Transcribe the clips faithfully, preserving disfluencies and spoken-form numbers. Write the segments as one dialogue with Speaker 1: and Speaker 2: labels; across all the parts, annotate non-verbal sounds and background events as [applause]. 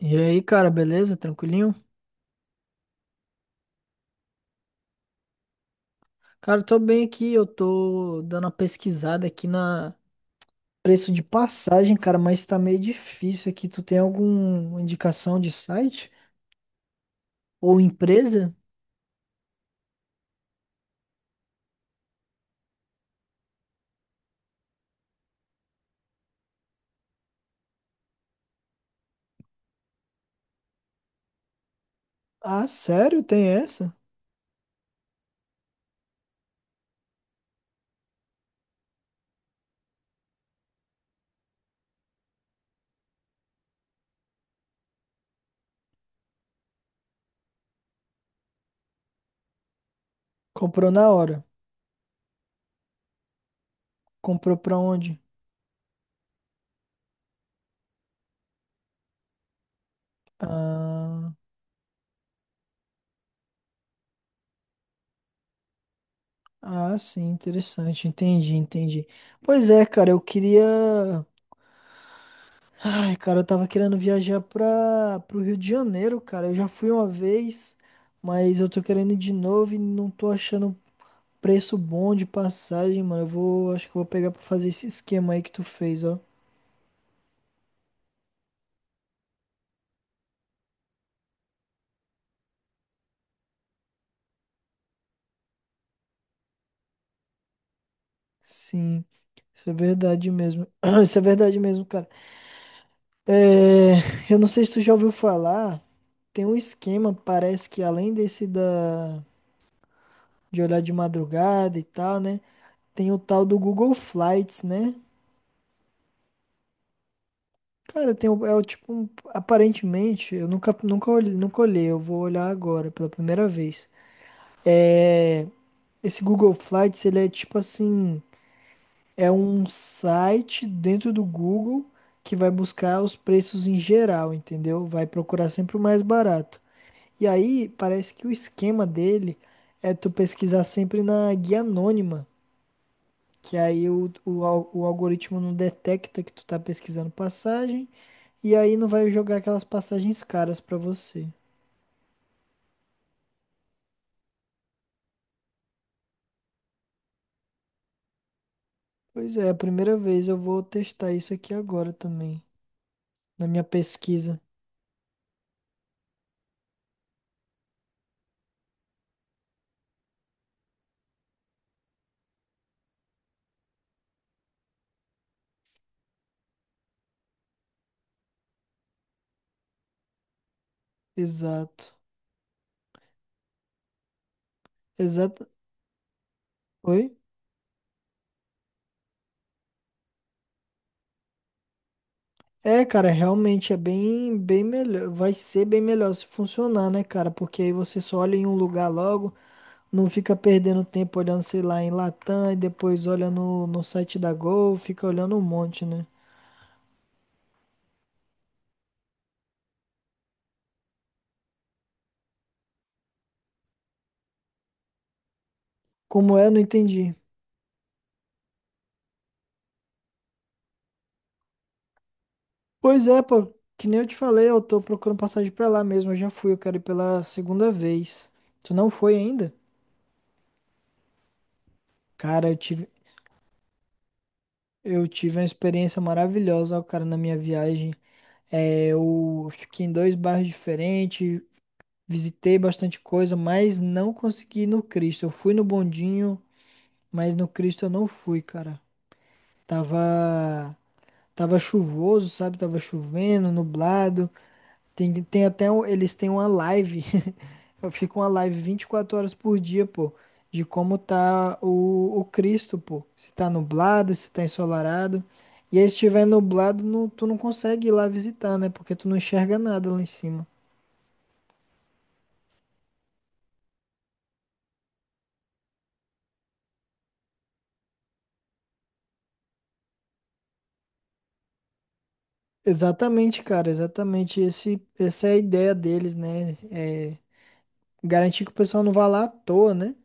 Speaker 1: E aí, cara, beleza? Tranquilinho? Cara, eu tô bem aqui, eu tô dando uma pesquisada aqui na preço de passagem, cara, mas tá meio difícil aqui. Tu tem alguma indicação de site ou empresa? Ah, sério? Tem essa? Comprou na hora. Comprou pra onde? Ah, ah, sim, interessante. Entendi, entendi. Pois é, cara, eu queria. Ai, cara, eu tava querendo viajar pra, pro Rio de Janeiro, cara. Eu já fui uma vez, mas eu tô querendo ir de novo e não tô achando preço bom de passagem, mano. Eu vou, acho que eu vou pegar pra fazer esse esquema aí que tu fez, ó. Sim, isso é verdade mesmo. [clears throat] Isso é verdade mesmo, cara. É, eu não sei se tu já ouviu falar, tem um esquema, parece que além desse da, de olhar de madrugada e tal, né? Tem o tal do Google Flights, né? Cara, tem, o- é o tipo, um- aparentemente, eu nunca, nunca, olhei, nunca olhei, eu vou olhar agora pela primeira vez. É, esse Google Flights, ele é tipo assim, é um site dentro do Google que vai buscar os preços em geral, entendeu? Vai procurar sempre o mais barato. E aí, parece que o esquema dele é tu pesquisar sempre na guia anônima. Que aí o, o, al- o algoritmo não detecta que tu tá pesquisando passagem e aí não vai jogar aquelas passagens caras pra você. Pois é, a primeira vez eu vou testar isso aqui agora também, na minha pesquisa. Exato. Exato. Oi? É, cara, realmente é bem, bem melhor. Vai ser bem melhor se funcionar, né, cara? Porque aí você só olha em um lugar logo, não fica perdendo tempo olhando, sei lá, em Latam e depois olha no, no site da Gol, fica olhando um monte, né? Como é, não entendi. Pois é, pô, que nem eu te falei, eu tô procurando passagem pra lá mesmo, eu já fui, eu quero ir pela segunda vez. Tu não foi ainda? Cara, eu tive, eu tive uma experiência maravilhosa, ó, cara, na minha viagem. É, eu fiquei em dois bairros diferentes, visitei bastante coisa, mas não consegui ir no Cristo. Eu fui no Bondinho, mas no Cristo eu não fui, cara. Tava, tava chuvoso, sabe? Tava chovendo, nublado. Tem, tem até, um- eles têm uma live [laughs] Fica uma live vinte e quatro horas por dia, pô, de como tá o, o Cristo, pô. Se tá nublado, se tá ensolarado. E aí, se tiver nublado, não- tu não consegue ir lá visitar, né? Porque tu não enxerga nada lá em cima. Exatamente, cara, exatamente. Esse, essa é a ideia deles, né? É garantir que o pessoal não vá lá à toa, né?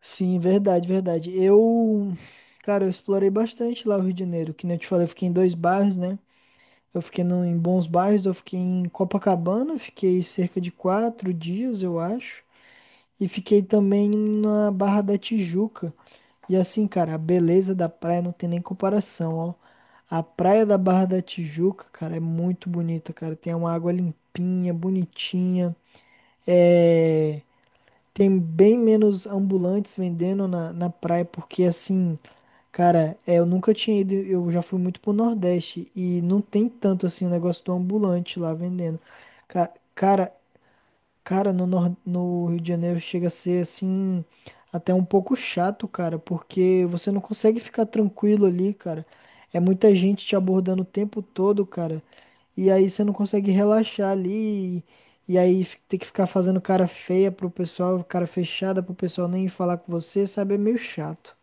Speaker 1: Sim, verdade, verdade. Eu, cara, eu explorei bastante lá o Rio de Janeiro, que nem eu te falei, eu fiquei em dois bairros, né? Eu fiquei no, em bons bairros, eu fiquei em Copacabana, fiquei cerca de quatro dias, eu acho. E fiquei também na Barra da Tijuca. E assim, cara, a beleza da praia não tem nem comparação, ó. A praia da Barra da Tijuca, cara, é muito bonita, cara. Tem uma água limpinha, bonitinha. É... Tem bem menos ambulantes vendendo na, na praia, porque assim, cara, é, eu nunca tinha ido, eu já fui muito pro Nordeste e não tem tanto assim o negócio do ambulante lá vendendo. Ca- Cara, Cara, no, Nor- no Rio de Janeiro chega a ser assim, até um pouco chato, cara, porque você não consegue ficar tranquilo ali, cara. É muita gente te abordando o tempo todo, cara. E aí você não consegue relaxar ali. E e aí fi- ter que ficar fazendo cara feia pro pessoal, cara fechada pro pessoal nem falar com você, sabe? É meio chato.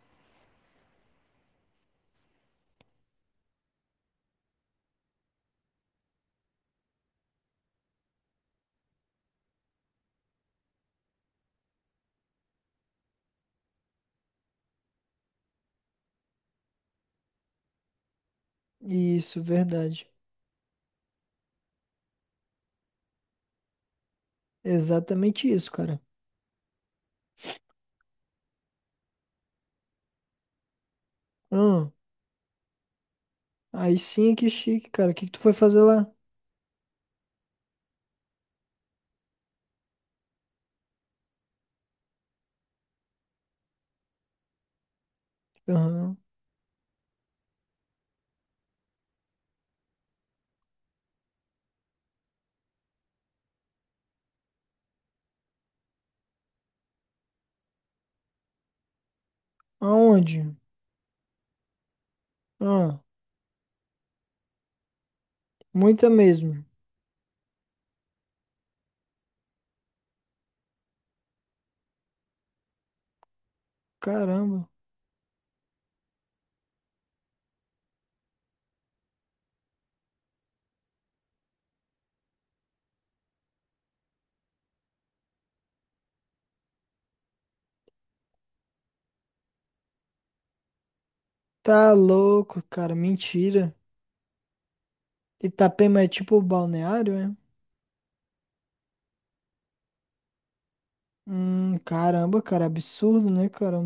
Speaker 1: Isso, verdade. Exatamente isso, cara. Ah, aí sim que chique, cara. O que que tu foi fazer lá? Aham. Aonde? Ah. Muita mesmo. Caramba. Tá louco, cara. Mentira. Itapema é tipo balneário, é? Hum, caramba, cara. Absurdo, né, cara?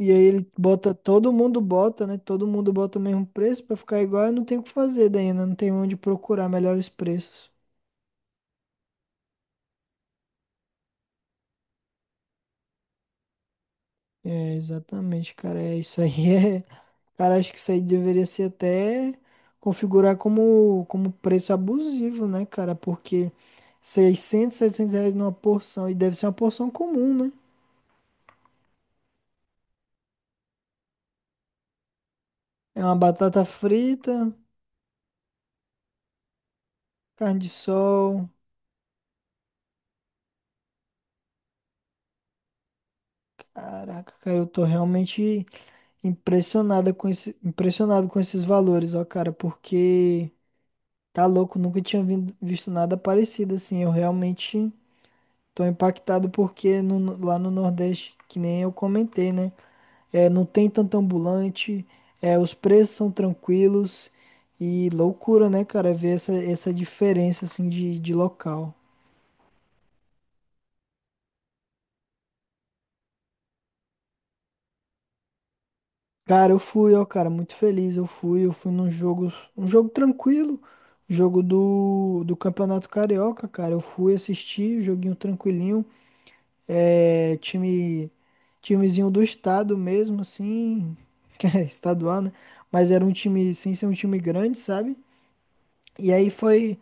Speaker 1: E aí ele bota, todo mundo bota, né? Todo mundo bota o mesmo preço pra ficar igual. Eu não tenho o que fazer daí, né? Não tenho onde procurar melhores preços. É, exatamente, cara. É isso aí. [laughs] É, Cara, acho que isso aí deveria ser até configurar como, como preço abusivo, né, cara? Porque seiscentos setecentos reais numa porção, e deve ser uma porção comum, né? É uma batata frita, carne de sol. Caraca, cara, eu tô realmente impressionada com esse, impressionado com esses valores, ó, cara, porque tá louco, nunca tinha vindo- visto nada parecido assim. Eu realmente tô impactado porque no- lá no Nordeste, que nem eu comentei, né? é, não tem tanto ambulante, é, os preços são tranquilos e loucura, né, cara, ver essa, essa diferença, assim, de, de local. Cara, eu fui, ó, cara, muito feliz, eu fui, eu fui, num jogo, um jogo tranquilo, jogo do, do Campeonato Carioca, cara, eu fui assistir, joguinho tranquilinho, é, time, timezinho do estado mesmo, assim, [laughs] que é estadual, né, mas era um time, sem ser um time grande, sabe? E aí foi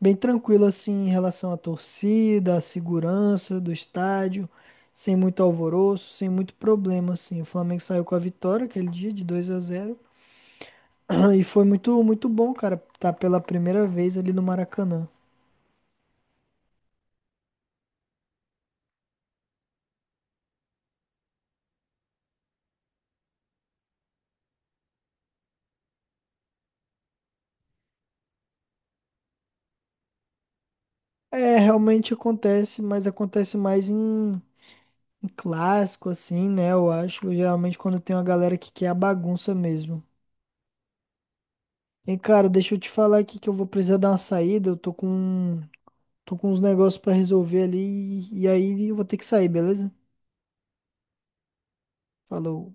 Speaker 1: bem tranquilo assim em relação à torcida, à segurança do estádio, sem muito alvoroço, sem muito problema assim. O Flamengo saiu com a vitória aquele dia de dois a zero [clears throat] e foi muito muito bom, cara, tá pela primeira vez ali no Maracanã. É, realmente acontece, mas acontece mais em, em, clássico assim, né? Eu acho, geralmente quando tem uma galera que quer a bagunça mesmo. E cara, deixa eu te falar aqui que eu vou precisar dar uma saída, eu tô com um Tô com uns negócios pra resolver ali e e aí eu vou ter que sair, beleza? Falou.